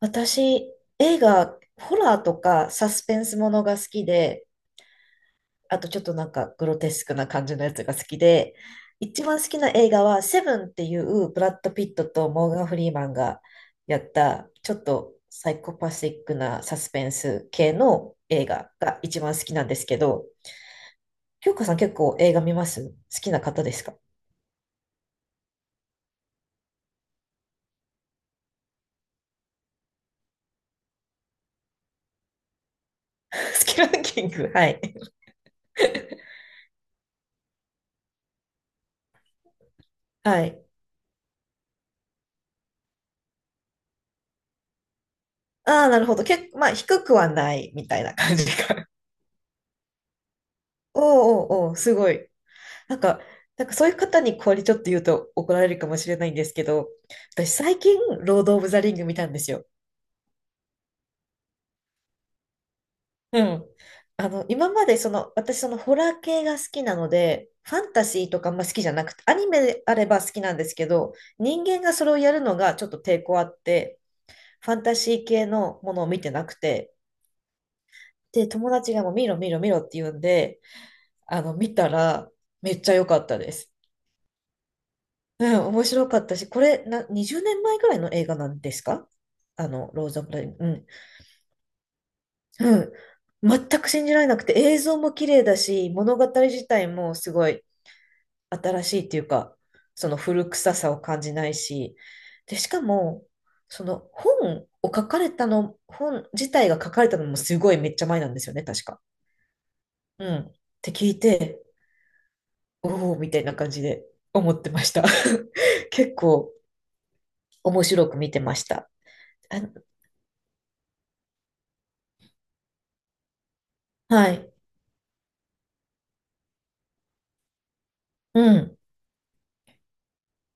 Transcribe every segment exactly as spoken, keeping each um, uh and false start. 私、映画、ホラーとかサスペンスものが好きで、あとちょっとなんかグロテスクな感じのやつが好きで、一番好きな映画はセブンっていうブラッド・ピットとモーガン・フリーマンがやったちょっとサイコパシックなサスペンス系の映画が一番好きなんですけど、京子さん結構映画見ます？好きな方ですか？ 好きランキング、はい。はい。ああ、なるほど。結構、まあ、低くはないみたいな感じか。おうおうおう、すごい。なんか、なんかそういう方にこれちょっと言うと怒られるかもしれないんですけど、私最近、ロード・オブ・ザ・リング見たんですよ。うん。あの、今までその、私そのホラー系が好きなので、ファンタジーとかあんま好きじゃなくて、アニメであれば好きなんですけど、人間がそれをやるのがちょっと抵抗あって、ファンタジー系のものを見てなくて、で、友達がもう見ろ見ろ見ろって言うんで、あの、見たらめっちゃ良かったです。うん、面白かったし、これな、にじゅうねんまえぐらいの映画なんですか？あの、ローズ・オブ・ライブ。うん。うん。全く信じられなくて、映像も綺麗だし、物語自体もすごい新しいっていうか、その古臭さを感じないし、で、しかも、その本を書かれたの、本自体が書かれたのもすごいめっちゃ前なんですよね、確か。うん。って聞いて、おお、みたいな感じで思ってました。結構面白く見てました。あ、はい。うん。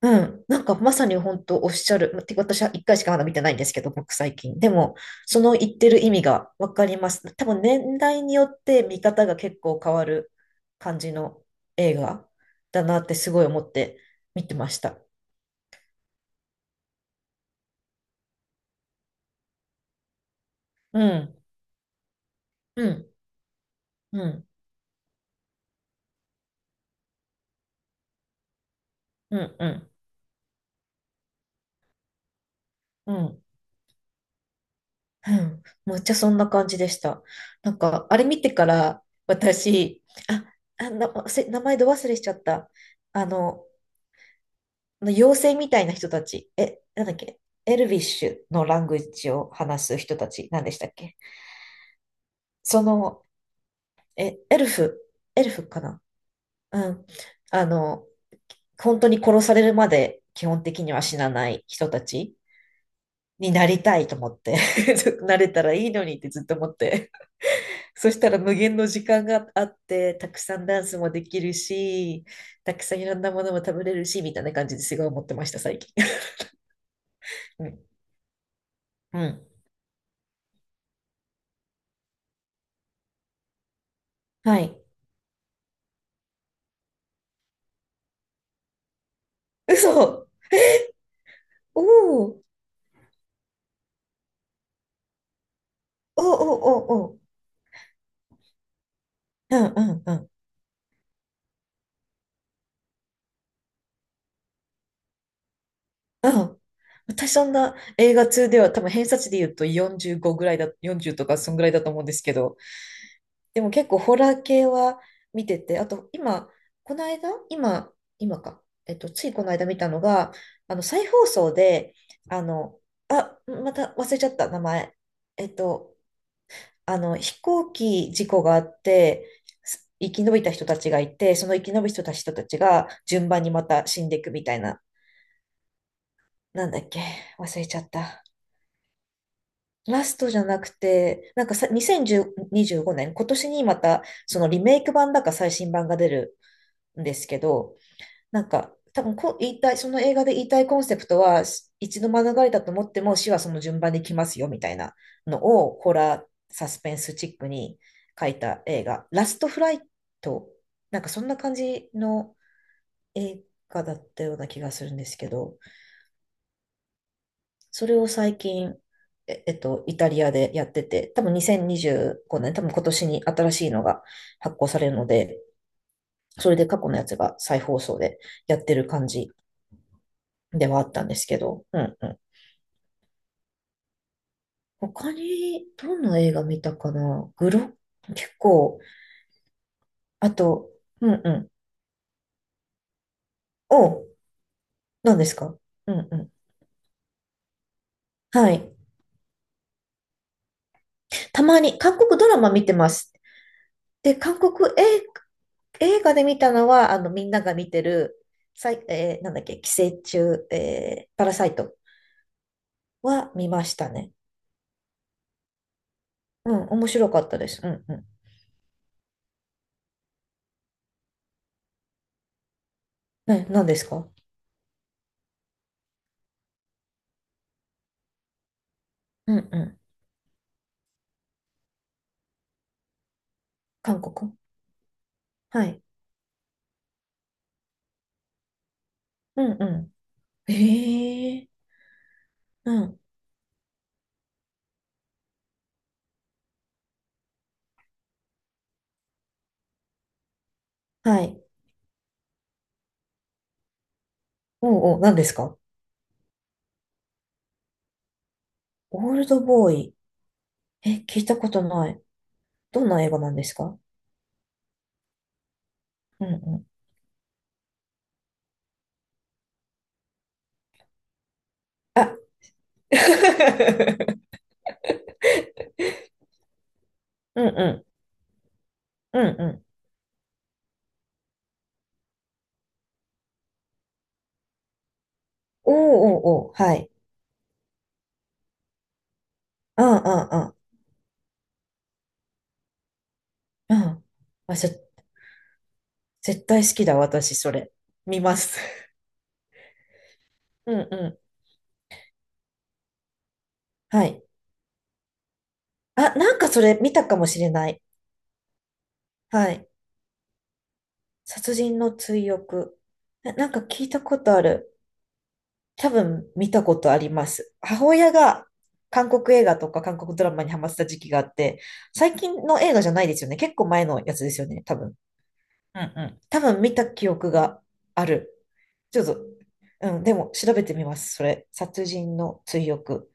うん。なんかまさに本当おっしゃる。てか私は一回しかまだ見てないんですけど、僕最近。でも、その言ってる意味がわかります。多分年代によって見方が結構変わる感じの映画だなってすごい思って見てました。うん。うん。うん。うん。うん。うん。うん、むっちゃそんな感じでした。なんか、あれ見てから私、あ、あ、な、せ名前ど忘れしちゃった。あの、あの妖精みたいな人たち、え、なんだっけ、エルビッシュのラングエッジを話す人たち、なんでしたっけ。その、え、エルフ、エルフかな。うん。あの、本当に殺されるまで基本的には死なない人たちになりたいと思って、なれたらいいのにってずっと思って。そしたら無限の時間があって、たくさんダンスもできるし、たくさんいろんなものも食べれるし、みたいな感じですごい思ってました、最近。うん。うん。はい。嘘、おーおーおー、おーおー、うんうんうん、うん。私そんな映画にでは多分偏差値で言うとよんじゅうごぐらいだ、よんじゅうとかそんぐらいだと思うんですけど、でも結構ホラー系は見てて、あと今、この間、今、今か、えっと、ついこの間見たのが、あの、再放送で、あの、あ、また忘れちゃった名前。えっと、あの、飛行機事故があって、す生き延びた人たちがいて、その生き延びた人たち人たちが順番にまた死んでいくみたいな、なんだっけ、忘れちゃった。ラストじゃなくて、なんかさ、にせんにじゅうごねん、今年にまた、そのリメイク版だか最新版が出るんですけど、なんか、多分こう言いたい、その映画で言いたいコンセプトは、し一度免れたと思っても死はその順番で来ますよみたいなのを、ホラー、サスペンスチックに書いた映画、ラストフライト、なんかそんな感じの映画だったような気がするんですけど、それを最近、え、えっと、イタリアでやってて、多分にせんにじゅうごねん、多分今年に新しいのが発行されるので、それで過去のやつが再放送でやってる感じではあったんですけど、うんうん。他にどんな映画見たかな、グロ、結構、あと、うんうん。お、何ですか？うんうん。はい。たまに韓国ドラマ見てます。で、韓国映、映画で見たのは、あの、みんなが見てる、さい、えーなんだっけ、寄生虫、えーパラサイトは見ましたね。うん、面白かったです。うんうん。ね、何ですか？うんうん。韓国、はい。うんうん。ええー、うん。はい。おうおう、何ですか？オールドボーイ。え、聞いたことない。どんな映画なんですか？うんうん。あ、うんうん。うんうん。おおおーおー、はい。うんうんうん。うん。あ、ち、絶対好きだ、私、それ。見ます。うんうん。はい。あ、なんかそれ見たかもしれない。はい。殺人の追憶。え、なんか聞いたことある。多分見たことあります。母親が韓国映画とか韓国ドラマにハマってた時期があって、最近の映画じゃないですよね。結構前のやつですよね、多分。うんうん、多分見た記憶がある。ちょっと、うん、でも調べてみます。それ。殺人の追憶。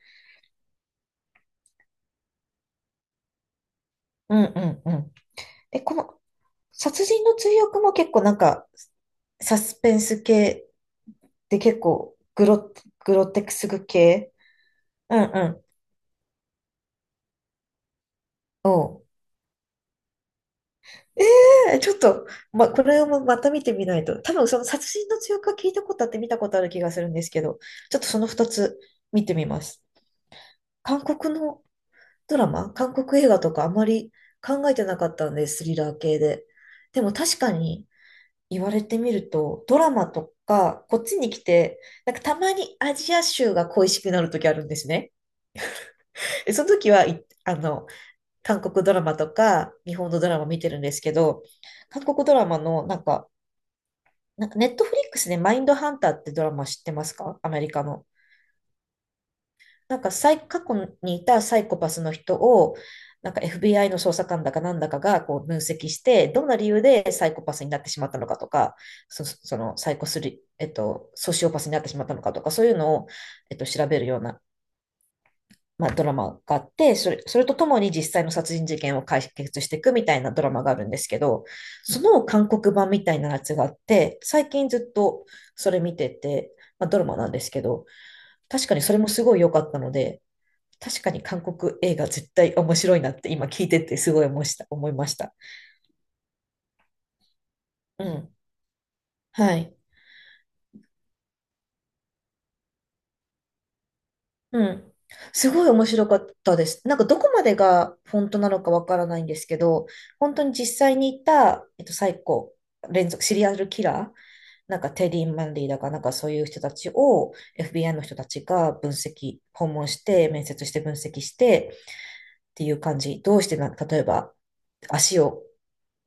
うんうんうん。え、この殺人の追憶も結構なんか、サスペンス系で結構グロ、グロテクス系。うんうん。ええ、ちょっと、ま、これもまた見てみないと。多分その殺人の強化聞いたことあって見たことある気がするんですけど、ちょっとそのふたつ見てみます。韓国のドラマ、韓国映画とかあまり考えてなかったんです、スリラー系で。でも確かに言われてみると、ドラマとかこっちに来て、なんかたまにアジア州が恋しくなる時あるんですね。でその時は、い、あの、韓国ドラマとか日本のドラマ見てるんですけど、韓国ドラマのなんか、なんかネットフリックスでマインドハンターってドラマ知ってますか？アメリカの。なんかサイ、過去にいたサイコパスの人を、なんか エフビーアイ の捜査官だかなんだかがこう分析して、どんな理由でサイコパスになってしまったのかとか、そ、そのサイコスリ、えっと、ソシオパスになってしまったのかとか、そういうのを、えっと、調べるようなまあ、ドラマがあって、それ、それとともに実際の殺人事件を解決していくみたいなドラマがあるんですけど、その韓国版みたいなやつがあって、最近ずっとそれ見てて、まあ、ドラマなんですけど、確かにそれもすごい良かったので、確かに韓国映画絶対面白いなって今聞いててすごい思いした思いました。うん。はい。うん。すごい面白かったです。なんかどこまでが本当なのかわからないんですけど、本当に実際にいた、えっと、サイコ、連続、シリアルキラー、なんかテディ・マンディだかなんかそういう人たちを エフビーアイ の人たちが分析、訪問して、面接して分析してっていう感じ。どうしてな、例えば足を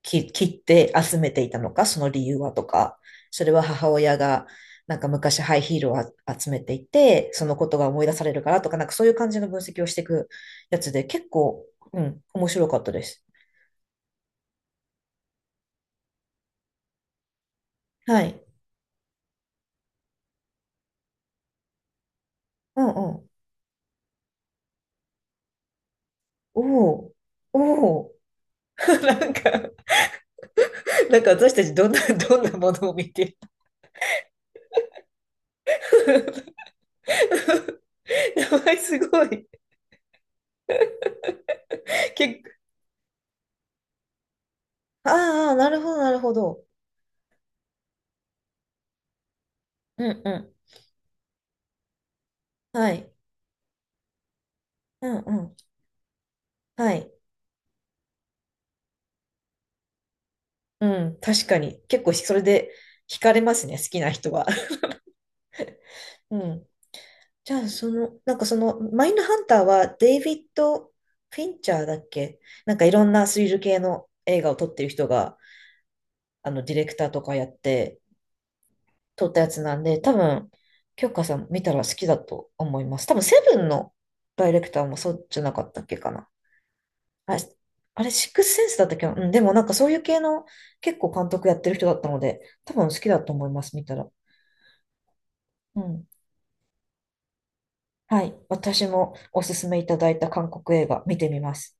き切って集めていたのか、その理由はとか、それは母親がなんか昔ハイヒールをあ集めていて、そのことが思い出されるからとか、なんかそういう感じの分析をしていくやつで、結構、うん、面白かったです。はい。うんうん。おお。おお、なんか、なんか私たちどんな、どんなものを見て。 やばい、すごい。結構、ああ、なるほど、なるほど。うんうん。はい。うんうん。はい。うん、確かに。結構それで惹かれますね、好きな人は。うん。じゃあ、その、なんかその、マインドハンターはデイビッド・フィンチャーだっけ、なんかいろんなスリル系の映画を撮ってる人が、あの、ディレクターとかやって撮ったやつなんで、多分、京香さん見たら好きだと思います。多分、セブンのダイレクターもそうじゃなかったっけかな。あれ、あれシックスセンスだったっけな。うん、でもなんかそういう系の結構監督やってる人だったので、多分好きだと思います、見たら。うん。はい。私もおすすめいただいた韓国映画見てみます。